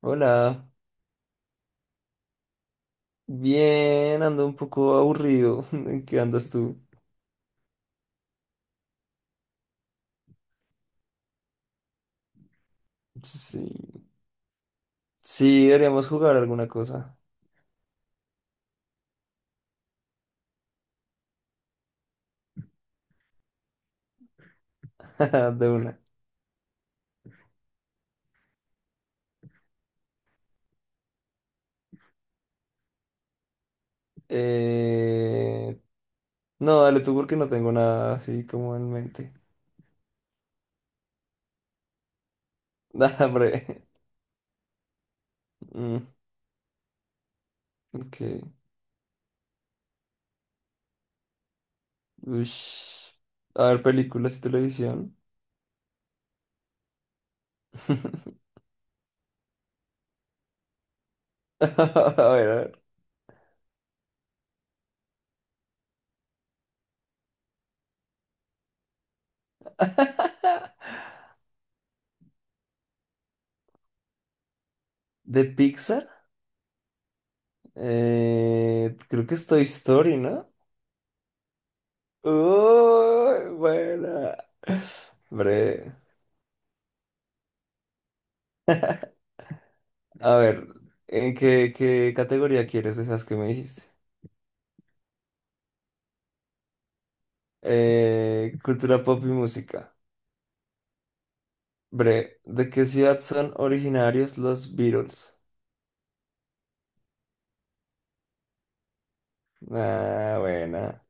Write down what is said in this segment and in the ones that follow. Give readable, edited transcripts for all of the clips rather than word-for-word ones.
Hola, bien, ando un poco aburrido. ¿En qué andas tú? Sí, sí, deberíamos jugar alguna cosa. De una. Eh... No, dale tú porque no tengo nada así como en mente. Da, hombre. Mm, ok. Ush. A ver, películas y televisión. A ver, a ver. ¿De Pixar? Creo que es Toy Story, ¿no? Uy, buena. Hombre. A ver, ¿qué categoría quieres de esas que me dijiste? Cultura pop y música. Bre, ¿de qué ciudad son originarios los Beatles? Ah, buena.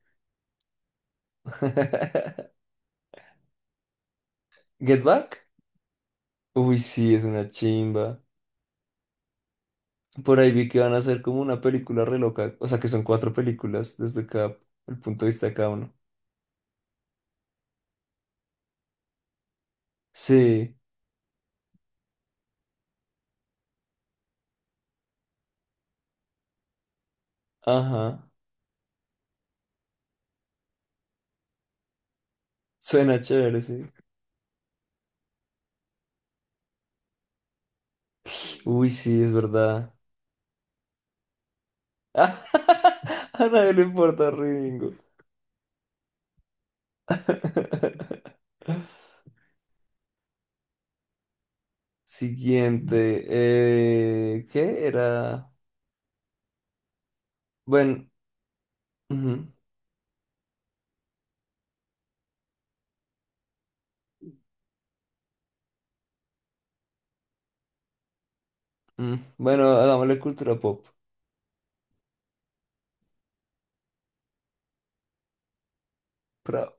¿Get Back? Uy, sí, es una chimba. Por ahí vi que van a hacer como una película re loca. O sea, que son cuatro películas desde el punto de vista de cada uno. Sí, ajá. Suena chévere, sí. Uy, sí, es verdad. A nadie le importa, Ringo. Siguiente. ¿Qué era? Bueno, ujú, bueno, hagámosle cultura pop. Prop.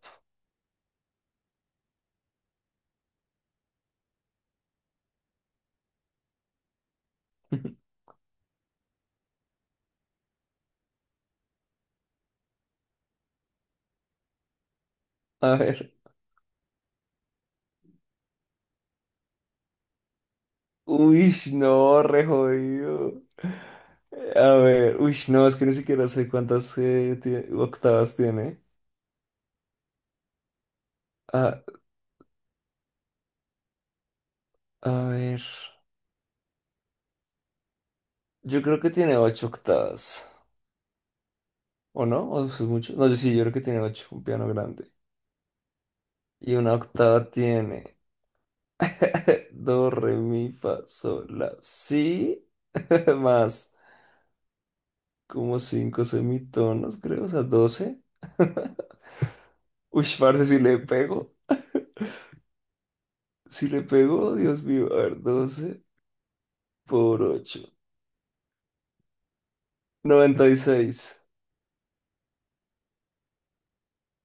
A ver. Uy, no, re jodido. A ver, uy, no, es que ni siquiera sé cuántas octavas tiene. A, a ver, yo creo que tiene ocho octavas, ¿o no? ¿O eso es mucho? No, yo sí, yo creo que tiene ocho, un piano grande. Y una octava tiene. Do, re, mi, fa, sol, la, si, más como cinco semitonos, creo, o sea, 12. Uy, parce, si le pego, si le pego, Dios mío, a ver, 12 por ocho, 96.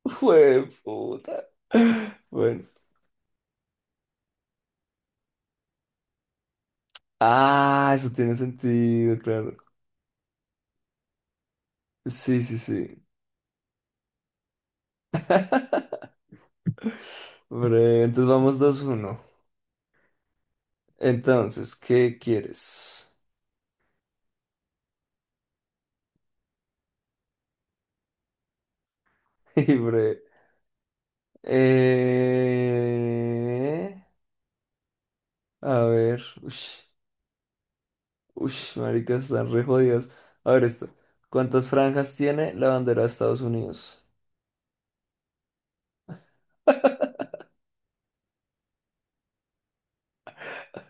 Jue puta. Bueno, ah, eso tiene sentido, claro. Sí, sí, sí. Bre, entonces vamos 2-1. Entonces, ¿qué quieres? Y bre, eh... A ver. Ush, ush, marica, están re jodidos. A ver esto. ¿Cuántas franjas tiene la bandera de Estados Unidos?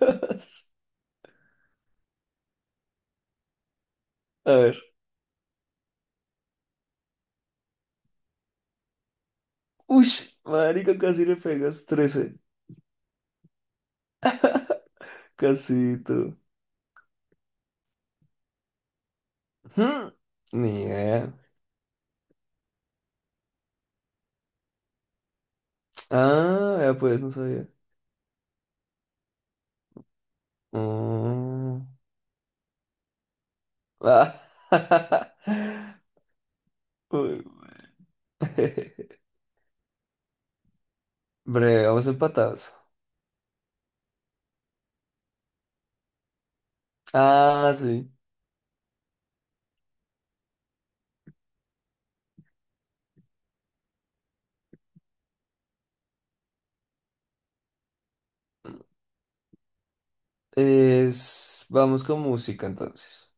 A ver. Ush, marica, casi le pegas 13. Casito. Hmm. Ni idea. Ah, ya pues, no sabía. Mm. Ah. Uy. Breve, vamos empatados. Ah, sí. Vamos con música entonces.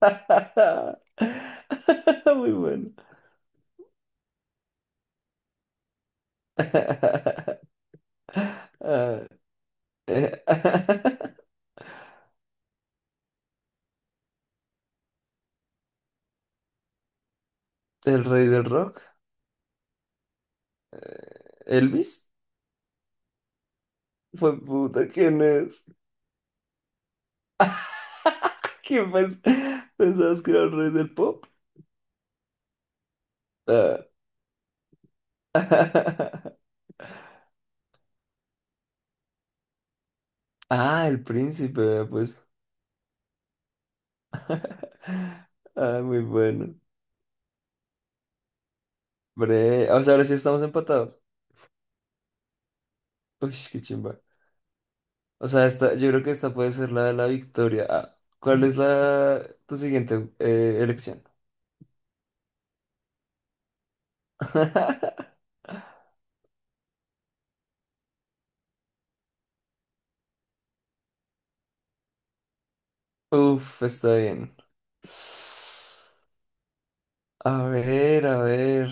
Muy bueno. Ah, eh, el rey del rock, Elvis. Fue puta, ¿quién es? ¿Quién pensabas que era el rey del pop? Ah, ah, el príncipe, vea, pues. Ah, muy bueno. Bre, o sea, ahora sí estamos empatados. Uy, qué chimba. O sea, esta, yo creo que esta puede ser la de la victoria. Ah, ¿cuál es la tu siguiente elección? Uf, está bien. A ver,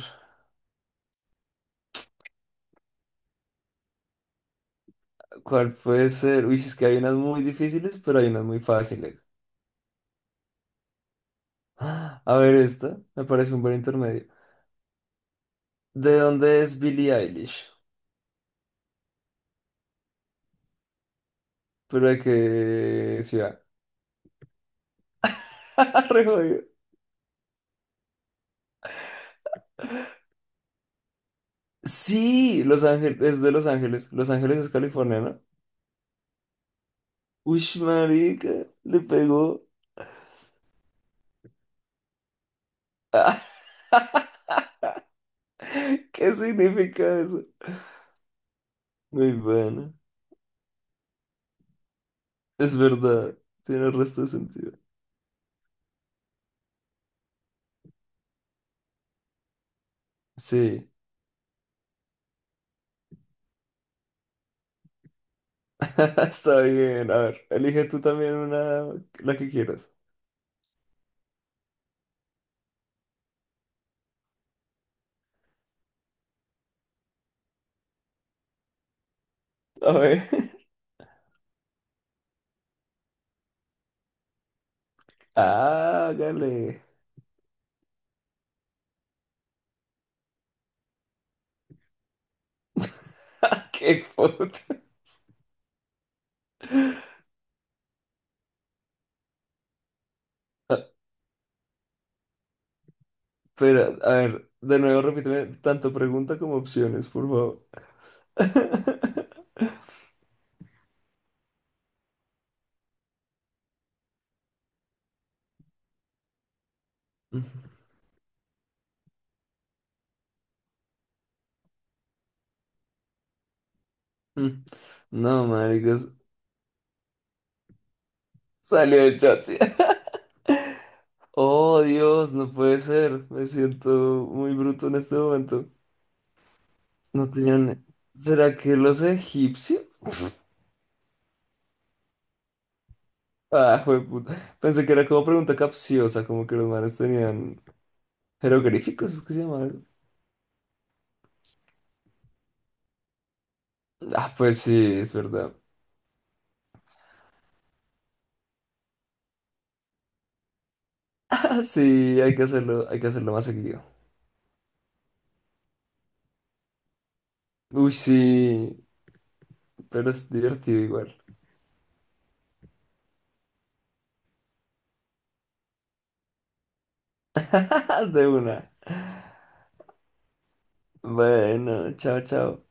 ¿cuál puede ser? Uy, si es que hay unas muy difíciles, pero hay unas muy fáciles. Ah, a ver, esta me parece un buen intermedio. ¿De dónde es Billie Eilish? ¿Pero de qué ciudad? Re jodido. Sí, Los Ángeles, es de Los Ángeles. Los Ángeles es California, ¿no? Uy, marica, le pegó. ¿Qué significa eso? Muy bueno, es verdad, tiene el resto de sentido. Sí. Está bien, a ver, elige tú también una, la que quieras. A ver. Hágale. Qué puta. Ah, espera, a ver, de nuevo repíteme tanto pregunta como opciones, por favor. No, maricos, salió del chat, sí. Oh, Dios, no puede ser. Me siento muy bruto en este momento. No tenían. ¿Será que los egipcios? Ah, jueputa. Pensé que era como pregunta capciosa, como que los manes tenían jeroglíficos, ¿es que se llama eso? Ah, pues sí, es verdad. Ah, sí, hay que hacerlo más seguido. Uy, sí, pero es divertido igual. De una. Bueno, chao, chao.